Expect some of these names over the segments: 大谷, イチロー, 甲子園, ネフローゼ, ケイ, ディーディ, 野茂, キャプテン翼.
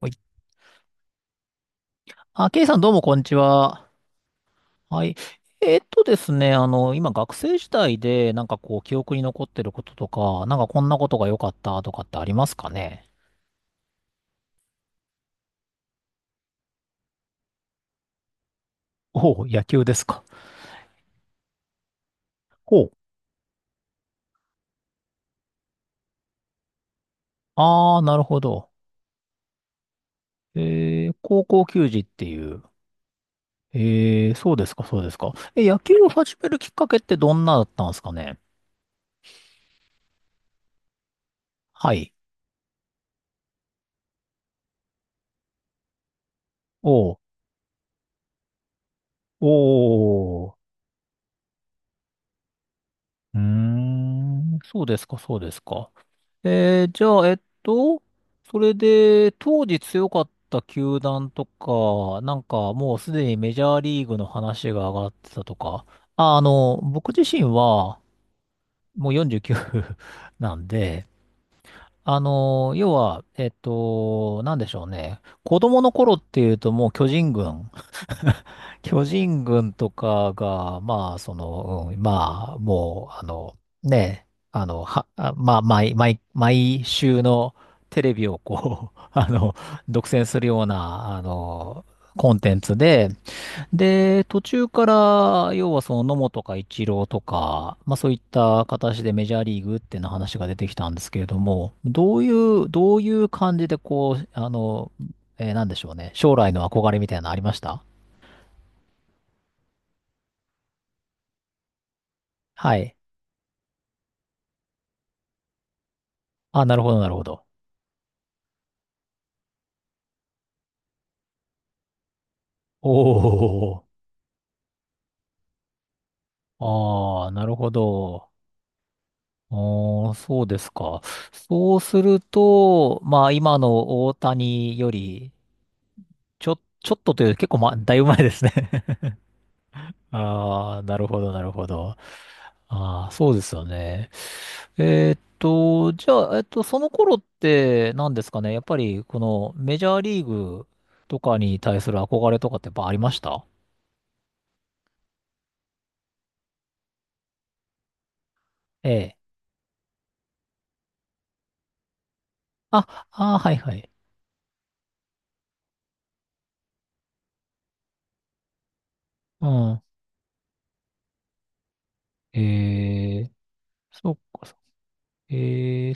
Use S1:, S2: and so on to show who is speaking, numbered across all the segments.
S1: はい。あ、ケイさんどうもこんにちは。はい。ですね、あの、今学生時代でなんかこう記憶に残ってることとか、なんかこんなことが良かったとかってありますかね？おう、野球ですか。ほう。ああ、なるほど。高校球児っていう。えー、そうですか、そうですか。え、野球を始めるきっかけってどんなだったんですかね？はい。おう。おー。うーん、そうですか、そうですか。えー、じゃあ、えっと、それで、当時強かった球団とか、なんかもうすでにメジャーリーグの話が上がってたとか、僕自身はもう49 なんで、あの、要は、えっと、なんでしょうね。子供の頃っていうともう巨人軍 巨人軍とかが、まあ、その、うん、まあ、もう、あの、ね、あの、は、あまあ、毎週のテレビをこう、独占するような、コンテンツで、で、途中から、要はその野茂とかイチローとか、まあそういった形でメジャーリーグっていうの話が出てきたんですけれども、どういう感じでこう、なんでしょうね、将来の憧れみたいなのありました？はい。あ、なるほど、なるほど。おお、ああ、なるほど。おー、そうですか。そうすると、まあ、今の大谷より、ちょっとというより結構、ま、だいぶ前ですね。ああ、なるほど、なるほど。ああ、そうですよね。えーっと、じゃあ、えっと、その頃って何ですかね。やっぱり、このメジャーリーグとかに対する憧れとかってやっぱありました？ええ。あ、ああ、はいはい。うん。えー、そっかそっか、え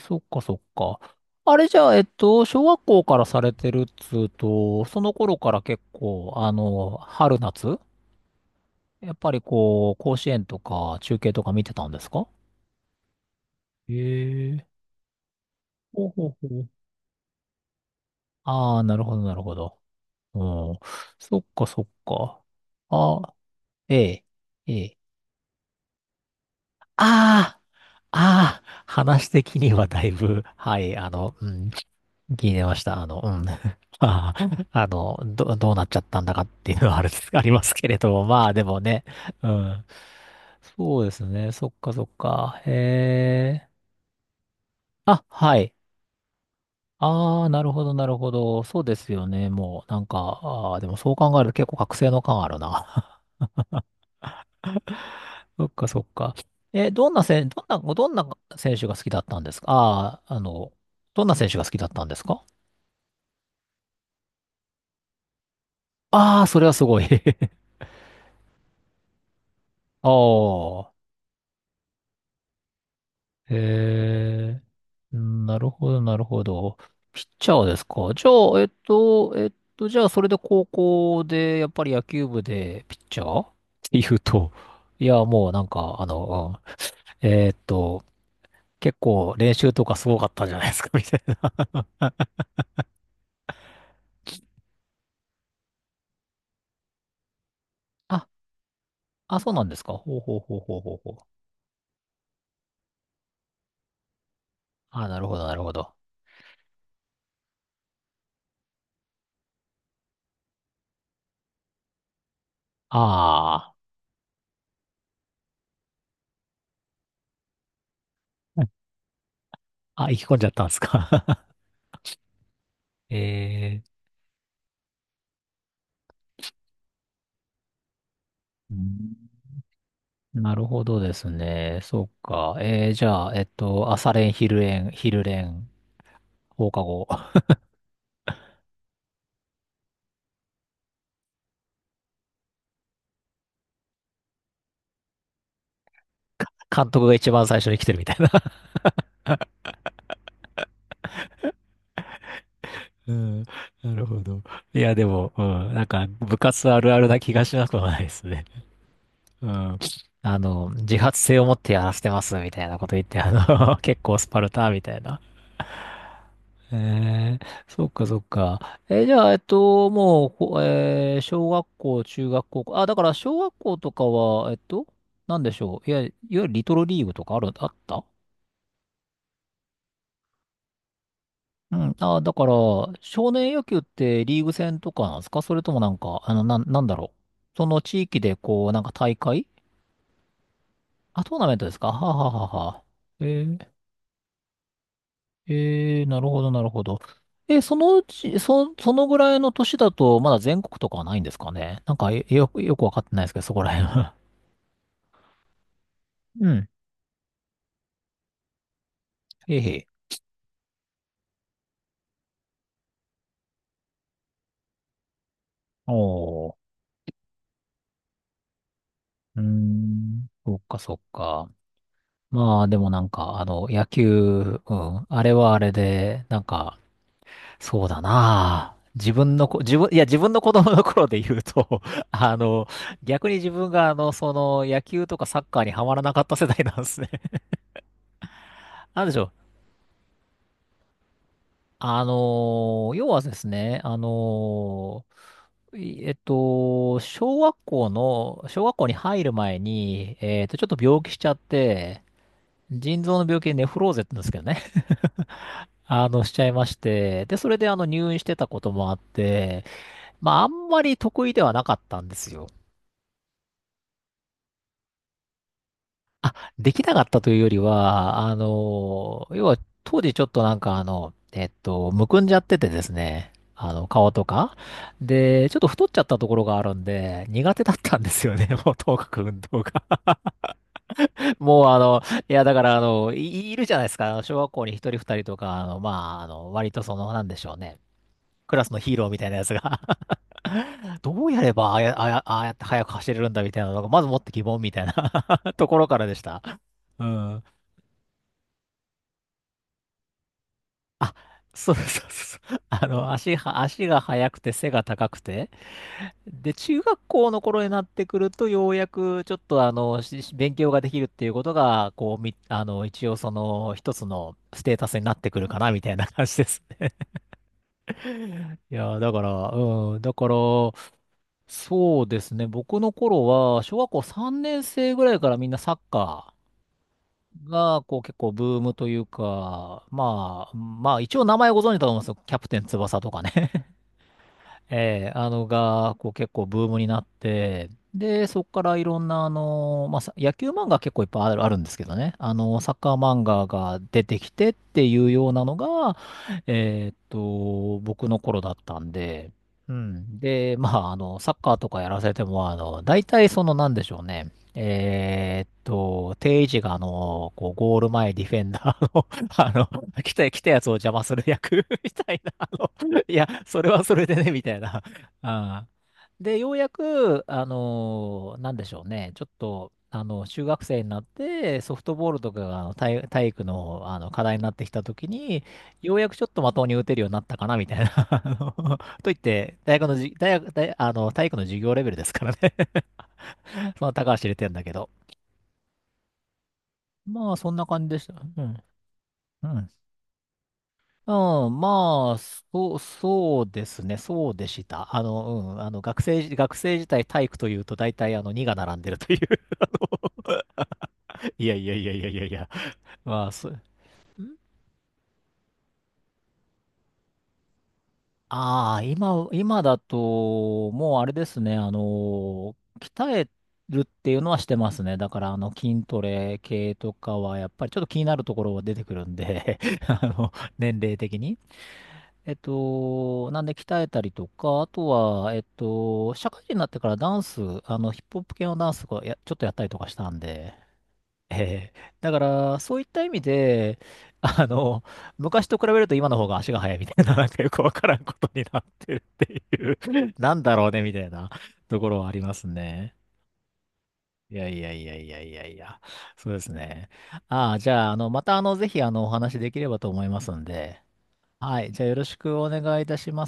S1: ー、そっかそっか。あれじゃあ、小学校からされてるっつうと、その頃から結構、春夏やっぱりこう、甲子園とか中継とか見てたんですか？えー、ほうほうほう。ああ、なるほど、なるほど。うん。そっかそっか。あ、ええ、ええ。ああああ、話的にはだいぶ、はい、あの、うん、聞いてました。うん。まあ、どうなっちゃったんだかっていうのはあるんです、ありますけれども、まあでもね、うん。そうですね、そっかそっか。へえ。あ、はい。ああ、なるほど、なるほど。そうですよね、もう、なんか、ああ、でもそう考えると結構覚醒の感あるな。そっかそっか。え、どんなせん、どんな、どんな選手が好きだったんですか？ああー、どんな選手が好きだったんですか？ああ、それはすごい。ああ、へえ、なるほど、なるほど。ピッチャーですか。じゃあ、じゃあ、それで高校で、やっぱり野球部でピッチャーって言うと、いや、もうなんか、えっと、結構練習とかすごかったんじゃないですか、みたいな。あ、あ、そうなんですか。ほうほうほうほうほうほう。ああ、なるほど、なるほど。ああ、あ、行き込んじゃったんですか。ええ。うん、なるほどですね。そうか。えー、じゃあ、えっと、朝練、昼練、昼練、放課後。監督が一番最初に来てるみたいなうん。なるほど。いや、でも、うん。なんか、部活あるあるな気がしなくもないですね。うん。あの、自発性を持ってやらせてます、みたいなこと言って、あの、結構スパルタ、みたいな。ええそっかそっか。えー、じゃあ、えっと、もう、ほえー小学校、中学校、あ、だから小学校とかは、なんでしょう。いや、いわゆるリトルリーグとかある、あった、うん。あ、だから、少年野球ってリーグ戦とかなんですか？それともなんか、なんだろう。その地域で、こう、なんか大会、あ、トーナメントですか？ははははは。えー、ええ、なるほど、なるほど。え、そのうち、そ、そのぐらいの年だと、まだ全国とかはないんですかね。なんか、えよく、よくわかってないですけど、そこら辺は。うん。へいへえ。おー。うーん。そっか、そっか。まあ、でもなんか、あの、野球、うん。あれはあれで、なんか、そうだなあ。自分のこ、自分、いや、自分の子供の頃で言うと、あの、逆に自分が、野球とかサッカーにはまらなかった世代なんですね。なんでしょう。要はですね、あのーいえっと、小学校の、小学校に入る前に、ちょっと病気しちゃって、腎臓の病気でネフローゼって言うんですけどね、しちゃいまして、で、それで入院してたこともあって、まあ、あんまり得意ではなかったんですよ。できなかったというよりは、要は当時ちょっとなんかむくんじゃっててですね、あの、顔とか。で、ちょっと太っちゃったところがあるんで、苦手だったんですよね、もうとにかく運動が。もうあの、いやだからいるじゃないですか、あの小学校に一人二人とか、割とその、なんでしょうね、クラスのヒーローみたいなやつが どうやればああや、あやああやって速く走れるんだみたいなのが、まずもって疑問みたいな ところからでした。うん。あ、そうそうそうそう。あの、足が速くて背が高くて。で、中学校の頃になってくると、ようやくちょっとあの、勉強ができるっていうことが、こう、み、あの、一応その、一つのステータスになってくるかな、みたいな感じですね。いやー、だから、うん、だから、そうですね。僕の頃は、小学校3年生ぐらいからみんなサッカーが、こう、結構ブームというか、まあ、まあ、一応名前ご存知だと思うんですよ。キャプテン翼とかね。えー、あのが、こう結構ブームになって、で、そこからいろんな、野球漫画結構いっぱいある、あるんですけどね、あの、サッカー漫画が出てきてっていうようなのが、僕の頃だったんで、うん。で、まあ、あの、サッカーとかやらせても、あの、大体その、なんでしょうね。定位置が、あの、こう、ゴール前ディフェンダーの あの、来たやつを邪魔する役 みたいな、あの、いや、それはそれでね、みたいな。あで、ようやく、なんでしょうね、ちょっと、あの、中学生になって、ソフトボールとかが体育の、あの課題になってきたときに、ようやくちょっとまともに打てるようになったかな、みたいな。といって、大学のじ、大学、大、あの、体育の授業レベルですからね その高橋入れてんだけど。まあ、そんな感じでした。うん。うん。うん、まあ、そう、そうですね、そうでした。あの、うん、あの、学生時代体育というと、大体、あの、2が並んでるという あのいやいやいやいやいやいや、まあ、そう、ああ、今だと、もうあれですね、あの、鍛えるっていうのはしてますね。だから、あの、筋トレ系とかは、やっぱりちょっと気になるところは出てくるんで あの、年齢的に。なんで鍛えたりとか、あとは、社会人になってからダンス、あの、ヒップホップ系のダンスがちょっとやったりとかしたんで、えー、だから、そういった意味で、あの、昔と比べると今の方が足が速いみたいな、なんかよくわからんことになってるっていう なんだろうね、みたいなところはありますね。いやいやいやいやいやいや、そうですね。ああ、じゃあ、あの、また、あの、ぜひ、あの、お話できればと思いますんで、はい、じゃあ、よろしくお願いいたします。